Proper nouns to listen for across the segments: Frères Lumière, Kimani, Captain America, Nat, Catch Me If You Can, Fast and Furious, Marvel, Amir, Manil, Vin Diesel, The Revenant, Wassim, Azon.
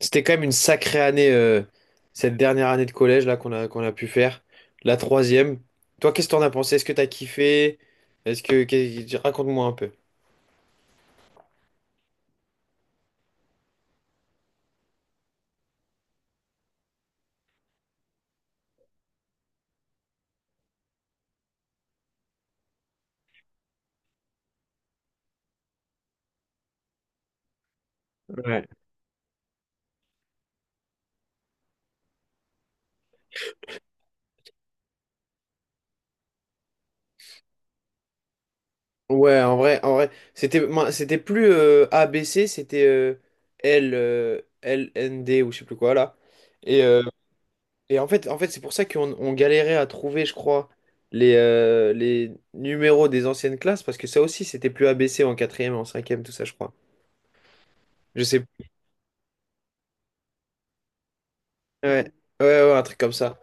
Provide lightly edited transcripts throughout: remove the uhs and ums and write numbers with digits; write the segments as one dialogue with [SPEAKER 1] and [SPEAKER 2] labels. [SPEAKER 1] C'était quand même une sacrée année, cette dernière année de collège là qu'on a pu faire, la troisième. Toi, qu'est-ce que t'en as pensé? Est-ce que t'as kiffé? Raconte-moi un peu. Ouais. Ouais. En vrai, c'était, moi, c'était plus A B C, c'était L, L N D ou je sais plus quoi là. Et, euh, et en fait, c'est pour ça qu'on on galérait à trouver, je crois, les numéros des anciennes classes, parce que ça aussi, c'était plus A B C en quatrième, en cinquième, tout ça, je crois. Je sais. Ouais, ouais, un truc comme ça.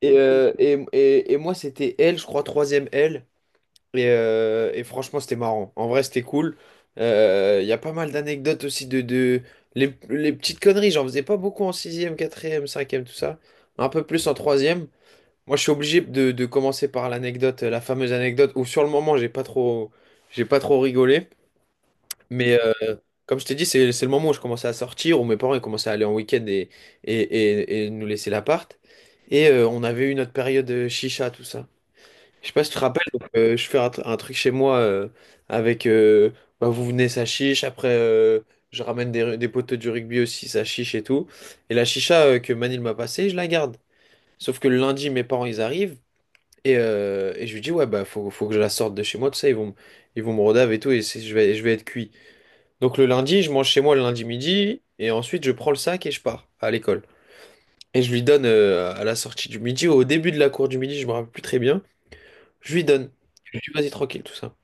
[SPEAKER 1] Et moi, c'était L, je crois, troisième L. Et franchement, c'était marrant. En vrai, c'était cool. Il y a pas mal d'anecdotes aussi les petites conneries, j'en faisais pas beaucoup en sixième, quatrième, cinquième, tout ça. Un peu plus en troisième. Moi, je suis obligé de commencer par l'anecdote, la fameuse anecdote où sur le moment, j'ai pas trop rigolé. Mais, euh, Comme je t'ai dit, c'est le moment où je commençais à sortir, où mes parents ils commençaient à aller en week-end et, et nous laisser l'appart. Et on avait eu notre période chicha, tout ça. Je sais pas si tu te rappelles, donc, je fais un, un truc chez moi avec bah, vous venez ça chiche, après je ramène des potes du rugby aussi, ça chiche et tout. Et la chicha que Manil m'a passée, je la garde. Sauf que le lundi, mes parents ils arrivent, et je lui dis, ouais bah faut que je la sorte de chez moi, tout ça, ils vont me rodave et tout, je vais être cuit. Donc le lundi, je mange chez moi le lundi midi, et ensuite je prends le sac et je pars à l'école. Et je lui donne à la sortie du midi, ou au début de la cour du midi, je me rappelle plus très bien, je lui donne. Je lui dis, vas-y tranquille, tout ça.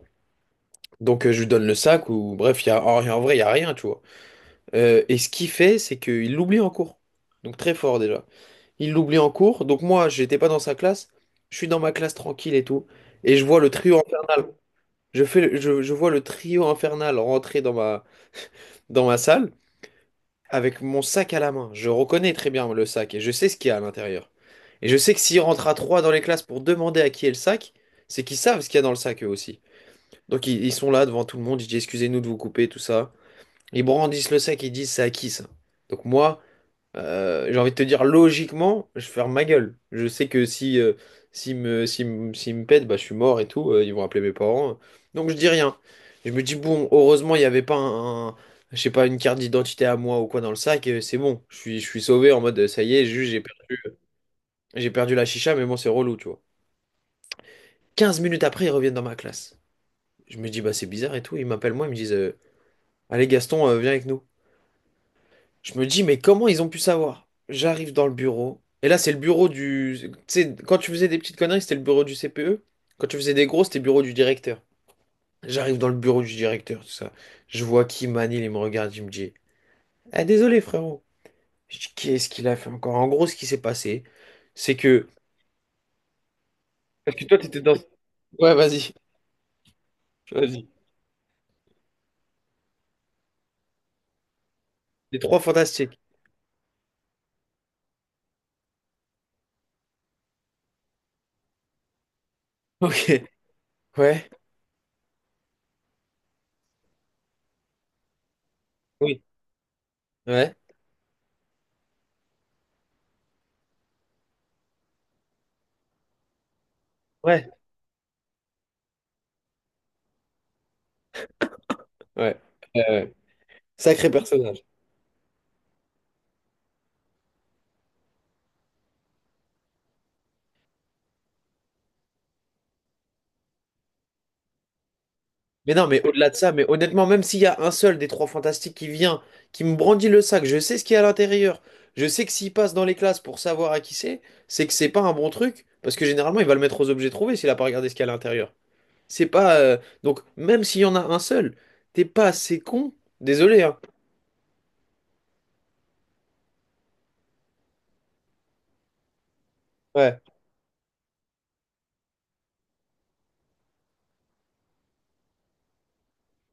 [SPEAKER 1] Donc je lui donne le sac, ou bref, il y a, en vrai, il y a rien, tu vois. Et ce qu'il fait, c'est qu'il l'oublie en cours. Donc très fort déjà. Il l'oublie en cours, donc moi, j'étais pas dans sa classe, je suis dans ma classe tranquille et tout, et je vois le trio infernal. Je vois le trio infernal rentrer dans dans ma salle, avec mon sac à la main. Je reconnais très bien le sac et je sais ce qu'il y a à l'intérieur. Et je sais que s'ils rentrent à trois dans les classes pour demander à qui est le sac, c'est qu'ils savent ce qu'il y a dans le sac eux aussi. Donc ils sont là devant tout le monde, ils disent excusez-nous de vous couper, tout ça. Ils brandissent le sac, ils disent c'est à qui ça? Donc moi, j'ai envie de te dire, logiquement, je ferme ma gueule. Je sais que si, s'ils me pètent, bah, je suis mort et tout. Ils vont appeler mes parents. Donc je dis rien. Je me dis, bon, heureusement, il n'y avait pas je sais pas, une carte d'identité à moi ou quoi dans le sac. C'est bon, je suis sauvé, en mode, ça y est, juste, j'ai perdu la chicha, mais bon, c'est relou, tu vois. 15 minutes après, ils reviennent dans ma classe. Je me dis, bah, c'est bizarre et tout. Ils m'appellent moi, ils me disent, allez, Gaston, viens avec nous. Je me dis, mais comment ils ont pu savoir? J'arrive dans le bureau. Et là, c'est le bureau du... Tu sais, quand tu faisais des petites conneries, c'était le bureau du CPE. Quand tu faisais des grosses, c'était le bureau du directeur. J'arrive dans le bureau du directeur, tout ça. Je vois Kimani, il me regarde, il me dit, ah, désolé, frérot. Je dis, qu'est-ce qu'il a fait encore? En gros, ce qui s'est passé, c'est que... Parce que toi, t'étais dans... Ouais, vas-y. Vas-y. Les trois fantastiques. Ok. Ouais. Oui. Ouais. Ouais. Ouais. Euh, Sacré personnage. Mais non, mais au-delà de ça, mais honnêtement, même s'il y a un seul des trois fantastiques qui vient, qui me brandit le sac, je sais ce qu'il y a à l'intérieur. Je sais que s'il passe dans les classes pour savoir à qui c'est que c'est pas un bon truc, parce que généralement, il va le mettre aux objets trouvés s'il a pas regardé ce qu'il y a à l'intérieur. C'est pas. Donc, même s'il y en a un seul, t'es pas assez con. Désolé, hein. Ouais,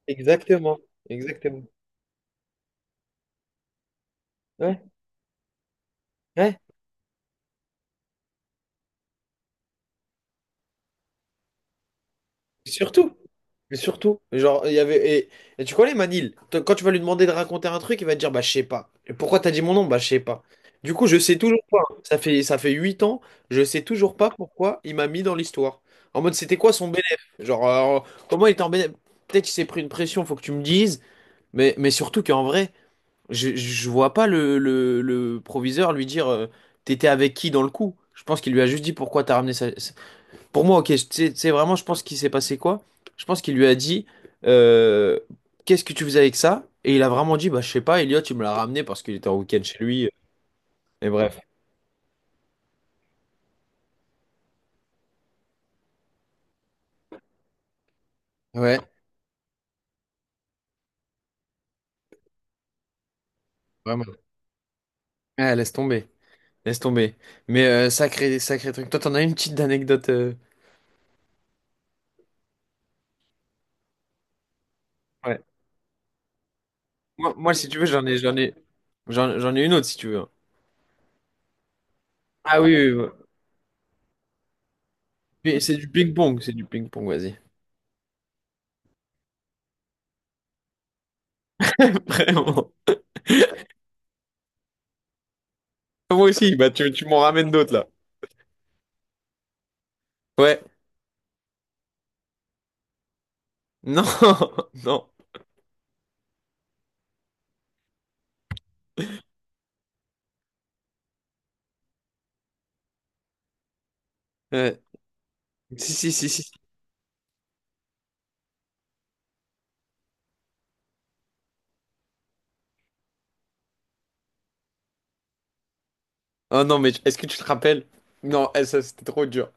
[SPEAKER 1] exactement. Exactement. Ouais, ouais. Surtout, mais surtout, genre, il y avait. Et tu connais Manil, quand tu vas lui demander de raconter un truc, il va te dire, bah, je sais pas. Et pourquoi t'as dit mon nom? Bah, je sais pas. Du coup, je sais toujours pas. Ça fait 8 ans, je sais toujours pas pourquoi il m'a mis dans l'histoire. En mode, c'était quoi son bénéfice? Genre, comment il était en bénéf? Peut-être qu'il s'est pris une pression, faut que tu me dises. Mais surtout qu'en vrai, je vois pas le proviseur lui dire, t'étais avec qui dans le coup? Je pense qu'il lui a juste dit pourquoi t'as ramené ça, pour moi, ok, tu vraiment, je pense qu'il s'est passé quoi? Je pense qu'il lui a dit, euh, qu'est-ce que tu faisais avec ça? Et il a vraiment dit, bah, je sais pas, Elliot, il me l'a ramené parce qu'il était en week-end chez lui. Et bref. Ouais, vraiment. Ah, laisse tomber. Laisse tomber. Mais sacré, sacré truc. Toi, t'en as une petite anecdote. Ouais. Moi, si tu veux, j'en ai, j'en ai une autre si tu veux. Ah oui, oui. Mais c'est du ping-pong, c'est du ping-pong, vas-y. Vraiment. Moi aussi, bah, tu m'en ramènes d'autres là. Ouais. Non, non. Ouais. Si, si. Oh non, mais est-ce que tu te rappelles? Non, eh, ça c'était trop dur.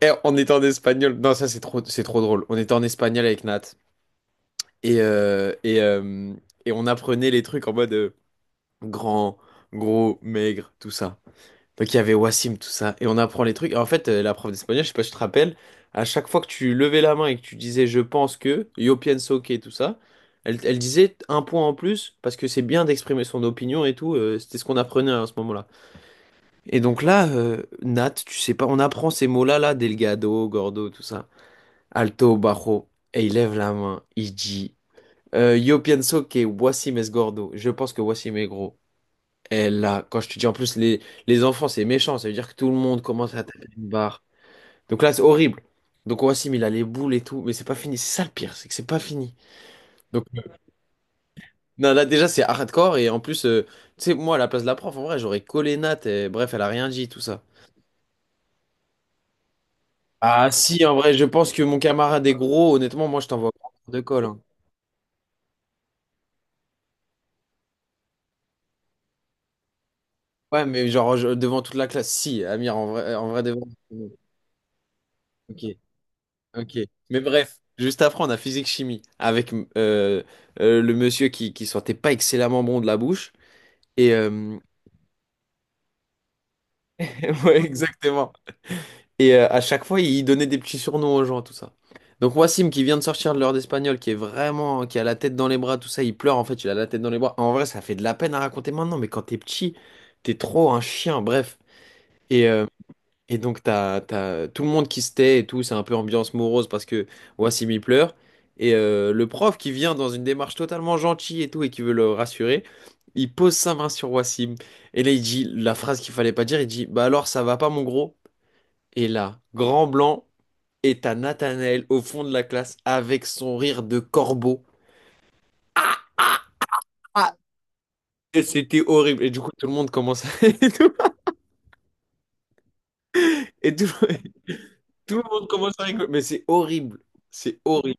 [SPEAKER 1] Eh, on était en espagnol. Non, ça c'est trop drôle. On était en espagnol avec Nat. Et, euh, et, euh, et on apprenait les trucs en mode grand, gros, maigre, tout ça. Donc il y avait Wassim, tout ça. Et on apprend les trucs. Et en fait, la prof d'espagnol, je sais pas si tu te rappelles, à chaque fois que tu levais la main et que tu disais je pense que, yo pienso que, tout ça, elle disait un point en plus parce que c'est bien d'exprimer son opinion et tout. C'était ce qu'on apprenait à ce moment-là. Et donc là, Nat, tu sais pas, on apprend ces mots-là, là, Delgado, Gordo, tout ça. Alto, Bajo. Et il lève la main, il dit Yo pienso que Wassim es gordo. Je pense que Wassim est gros. Et là, quand je te dis en plus, les enfants, c'est méchant, ça veut dire que tout le monde commence à taper une barre. Donc là, c'est horrible. Donc Wassim, il a les boules et tout, mais c'est pas fini. C'est ça le pire, c'est que c'est pas fini. Donc non, là, déjà, c'est hardcore, et en plus, tu sais, moi, à la place de la prof, en vrai, j'aurais collé Nat, et bref, elle a rien dit, tout ça. Ah si, en vrai, je pense que mon camarade est gros. Honnêtement, moi, je t'envoie pas de colle, hein. Ouais, mais genre devant toute la classe. Si, Amir, en vrai, devant. Ok, ok. Mais bref, juste après, on a physique-chimie avec le monsieur qui sentait pas excellemment bon de la bouche. Et ouais, exactement. Et à chaque fois, il donnait des petits surnoms aux gens, tout ça. Donc Wassim, qui vient de sortir de l'heure d'espagnol, qui est vraiment, qui a la tête dans les bras, tout ça, il pleure en fait, il a la tête dans les bras. En vrai, ça fait de la peine à raconter maintenant, mais quand t'es petit, t'es trop un chien, bref. Et, euh, et donc t'as tout le monde qui se tait et tout, c'est un peu ambiance morose parce que Wassim il pleure. Et le prof qui vient dans une démarche totalement gentille et tout et qui veut le rassurer, il pose sa main sur Wassim. Et là, il dit la phrase qu'il fallait pas dire, il dit, bah alors ça va pas mon gros? Et là, grand blanc. Et t'as Nathanaël au fond de la classe avec son rire de corbeau. Ah, et c'était horrible. Et du coup, tout le monde commence à... Et tout, et tout, tout le monde commence à rigoler. Mais c'est horrible. C'est horrible.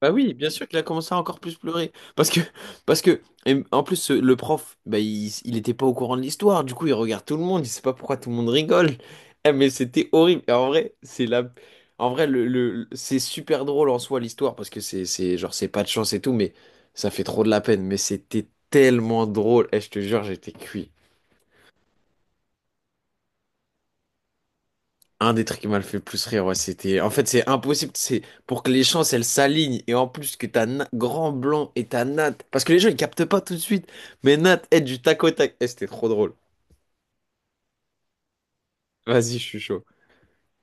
[SPEAKER 1] Bah oui, bien sûr qu'il a commencé à encore plus pleurer. Parce que, et en plus, le prof, bah, il était pas au courant de l'histoire. Du coup, il regarde tout le monde. Il sait pas pourquoi tout le monde rigole. Eh, mais c'était horrible. Et en vrai, en vrai, c'est super drôle en soi l'histoire parce que c'est genre, c'est pas de chance et tout, mais ça fait trop de la peine. Mais c'était tellement drôle. Eh, je te jure, j'étais cuit. Un des trucs qui m'a le fait plus rire, ouais, c'était. En fait, c'est impossible. C'est pour que les chances, elles s'alignent. Et en plus, que t'as Grand Blanc et t'as Nat. Parce que les gens, ils captent pas tout de suite. Mais Nat est du tac au tac. Eh, c'était trop drôle. Vas-y, je suis chaud.